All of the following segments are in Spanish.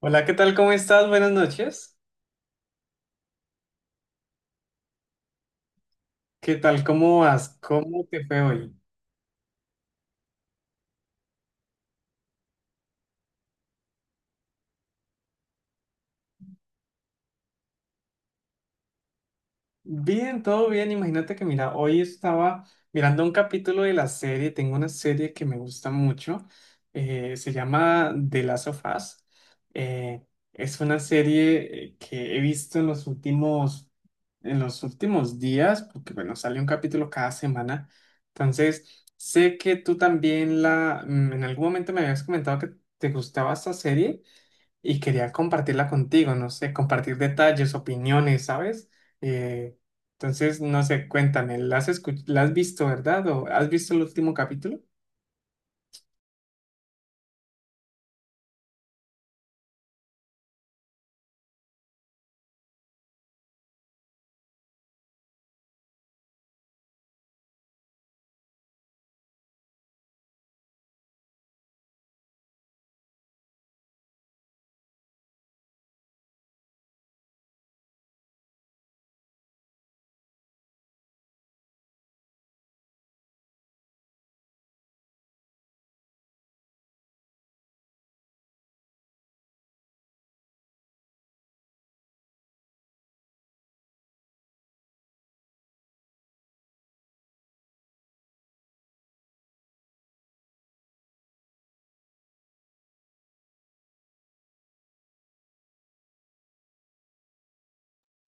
Hola, ¿qué tal? ¿Cómo estás? Buenas noches. ¿Qué tal? ¿Cómo vas? ¿Cómo te fue hoy? Bien, todo bien. Imagínate que, mira, hoy estaba mirando un capítulo de la serie. Tengo una serie que me gusta mucho. Se llama The Last of Us. Eh, es una serie que he visto en los últimos días, porque, bueno, sale un capítulo cada semana. Entonces, sé que tú también en algún momento me habías comentado que te gustaba esta serie. Y quería compartirla contigo, no sé, compartir detalles, opiniones, ¿sabes? Eh, entonces, no sé, cuéntame, ¿ la has visto, ¿verdad? ¿O has visto el último capítulo?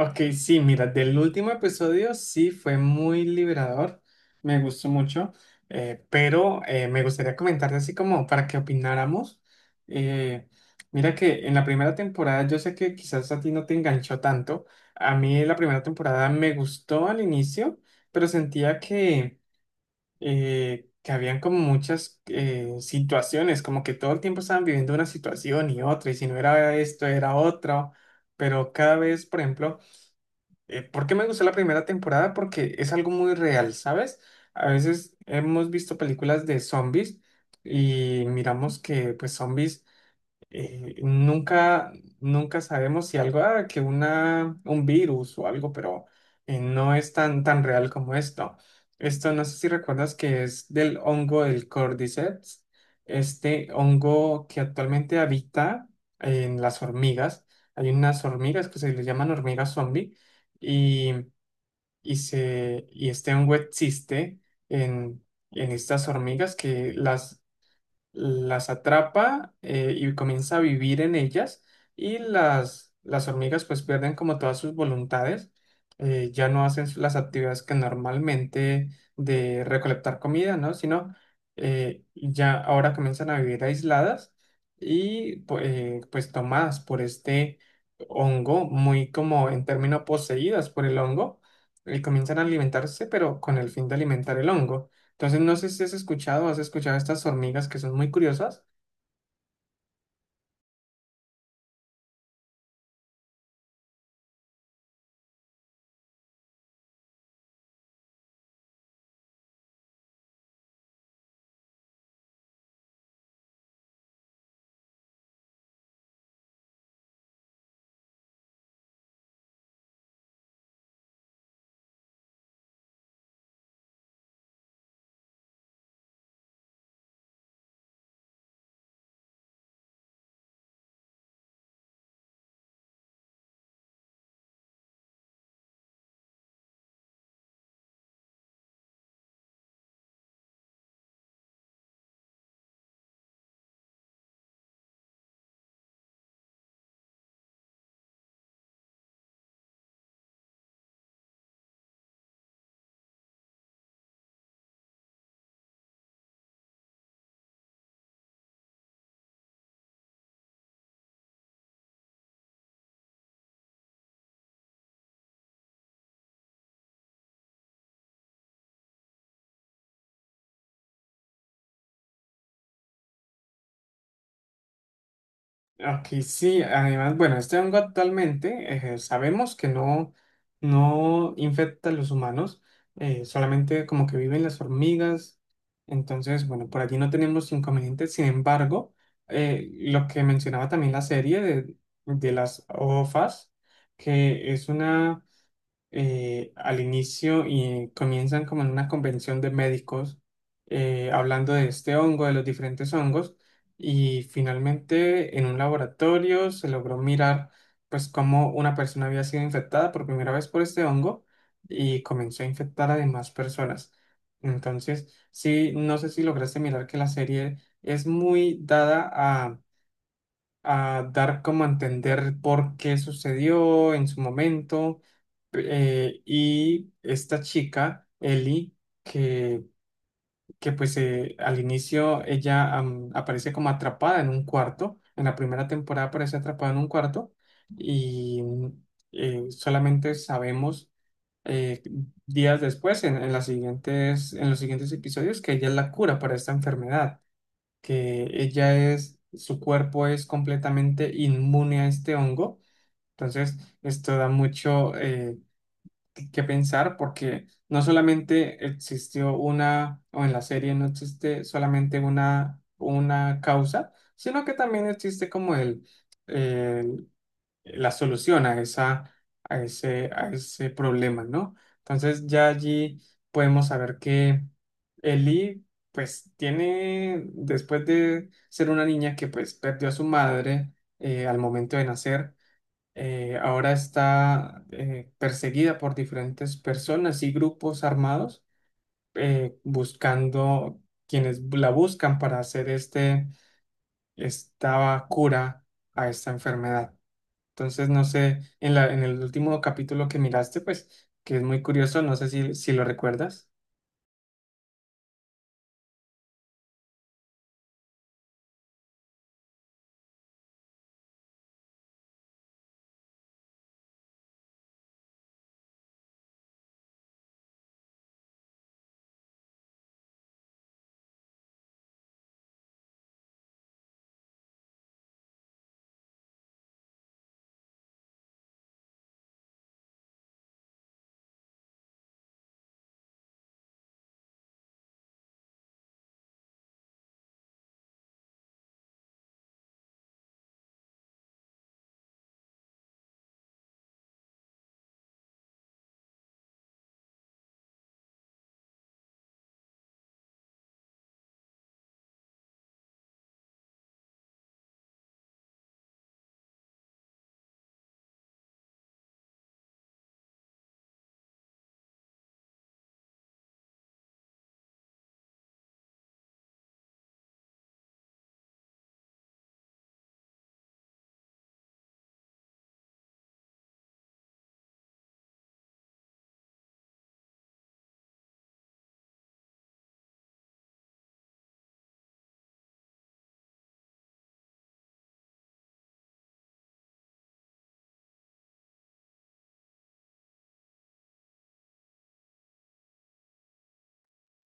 Ok, sí, mira, del último episodio sí fue muy liberador, me gustó mucho, pero me gustaría comentarte así como para que opináramos. Eh, Mira que en la primera temporada, yo sé que quizás a ti no te enganchó tanto, a mí la primera temporada me gustó al inicio, pero sentía que habían como muchas situaciones, como que todo el tiempo estaban viviendo una situación y otra, y si no era esto, era otra, pero cada vez, por ejemplo, ¿por qué me gustó la primera temporada? Porque es algo muy real, ¿sabes? A veces hemos visto películas de zombies y miramos que pues zombies, nunca, nunca sabemos si algo, ah, que un virus o algo, pero no es tan, tan real como esto. Esto no sé si recuerdas que es del hongo del Cordyceps, este hongo que actualmente habita en las hormigas. Hay unas hormigas que se les llaman hormigas zombie y, y y este hongo existe en, en estas hormigas que las atrapa, y comienza a vivir en ellas y las hormigas pues pierden como todas sus voluntades, ya no hacen las actividades que normalmente de recolectar comida, ¿no? Sino ya ahora comienzan a vivir aisladas y pues tomadas por este hongo, muy como en términos poseídas por el hongo, y comienzan a alimentarse, pero con el fin de alimentar el hongo. Entonces, no sé si has escuchado, o has escuchado estas hormigas que son muy curiosas. Ok, sí, además, bueno, este hongo actualmente sabemos que no, no infecta a los humanos, solamente como que viven las hormigas. Entonces, bueno, por allí no tenemos inconvenientes. Sin embargo, lo que mencionaba también la serie de las OFAS, que es una, al inicio y comienzan como en una convención de médicos hablando de este hongo, de los diferentes hongos, y finalmente en un laboratorio se logró mirar pues cómo una persona había sido infectada por primera vez por este hongo y comenzó a infectar a demás personas. Entonces, sí, no sé si lograste mirar que la serie es muy dada a dar como a entender por qué sucedió en su momento, y esta chica, Ellie, que, que pues al inicio ella aparece como atrapada en un cuarto, en la primera temporada aparece atrapada en un cuarto y solamente sabemos eh, días después, en las siguientes, en los siguientes episodios, que ella es la cura para esta enfermedad, que ella es, su cuerpo es completamente inmune a este hongo, entonces esto da mucho que pensar porque no solamente existió una, o en la serie no existe solamente una causa, sino que también existe como el- la solución a esa, a ese problema, ¿no? Entonces ya allí podemos saber que Ellie pues tiene, después de ser una niña que pues perdió a su madre al momento de nacer, ahora está perseguida por diferentes personas y grupos armados buscando quienes la buscan para hacer esta cura a esta enfermedad. Entonces, no sé, en la, en el último capítulo que miraste, pues, que es muy curioso, no sé si, si lo recuerdas.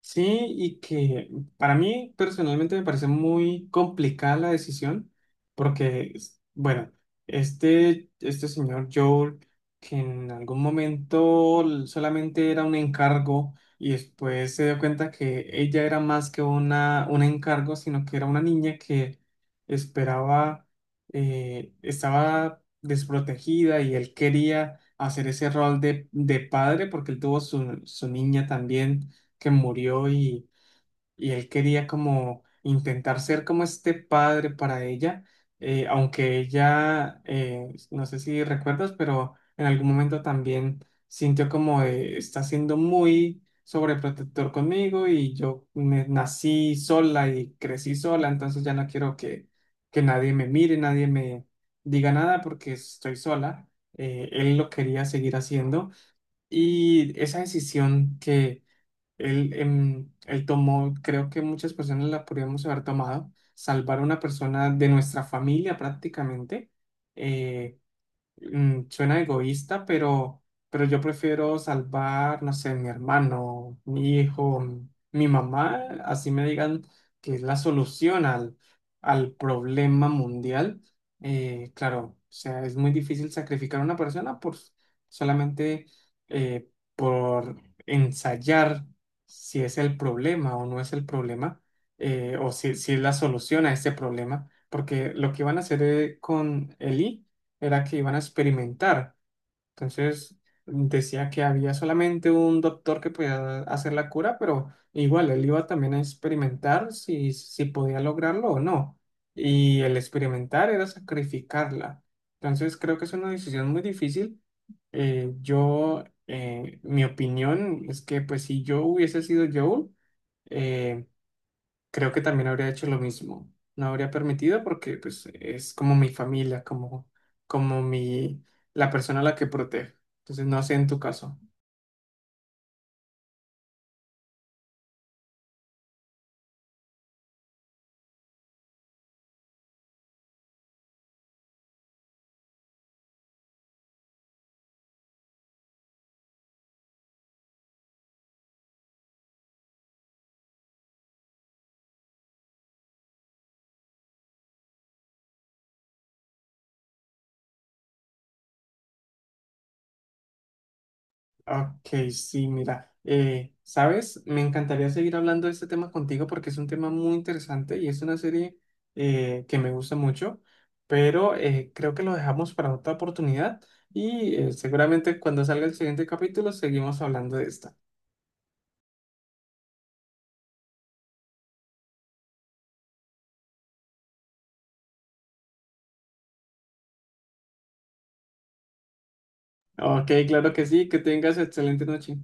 Sí, y que para mí personalmente me parece muy complicada la decisión, porque, es- bueno, este señor Joel, que en algún momento solamente era un encargo y después se dio cuenta que ella era más que un encargo, sino que era una niña que esperaba, estaba desprotegida y él quería hacer ese rol de padre porque él tuvo su, su niña también que murió, y él quería como intentar ser como este padre para ella, aunque ella, no sé si recuerdas, pero en algún momento también sintió como de, está siendo muy sobreprotector conmigo y yo nací sola y crecí sola, entonces ya no quiero que nadie me mire, nadie me diga nada porque estoy sola. Él lo quería seguir haciendo y esa decisión que él tomó, creo que muchas personas la podríamos haber tomado, salvar a una persona de nuestra familia prácticamente, eh, suena egoísta, pero yo prefiero salvar, no sé, mi hermano, mi hijo, mi mamá, así me digan que es la solución al, al problema mundial. Claro, o sea, es muy difícil sacrificar a una persona por solamente eh, por ensayar si es el problema o no es el problema, o si, si es la solución a ese problema, porque lo que van a hacer con Eli era que iban a experimentar. Entonces decía que había solamente un doctor que podía hacer la cura, pero igual él iba también a experimentar si, si podía lograrlo o no. Y el experimentar era sacrificarla. Entonces creo que es una decisión muy difícil. Mi opinión es que pues si yo hubiese sido Joel, eh, creo que también habría hecho lo mismo. No habría permitido porque pues es como mi familia, como, como mi, la persona a la que protege. Entonces, no sé en tu caso. Ok, sí, mira, ¿sabes? Me encantaría seguir hablando de este tema contigo porque es un tema muy interesante y es una serie que me gusta mucho, pero creo que lo dejamos para otra oportunidad y seguramente cuando salga el siguiente capítulo seguimos hablando de esta. Ok, claro que sí, que tengas excelente noche.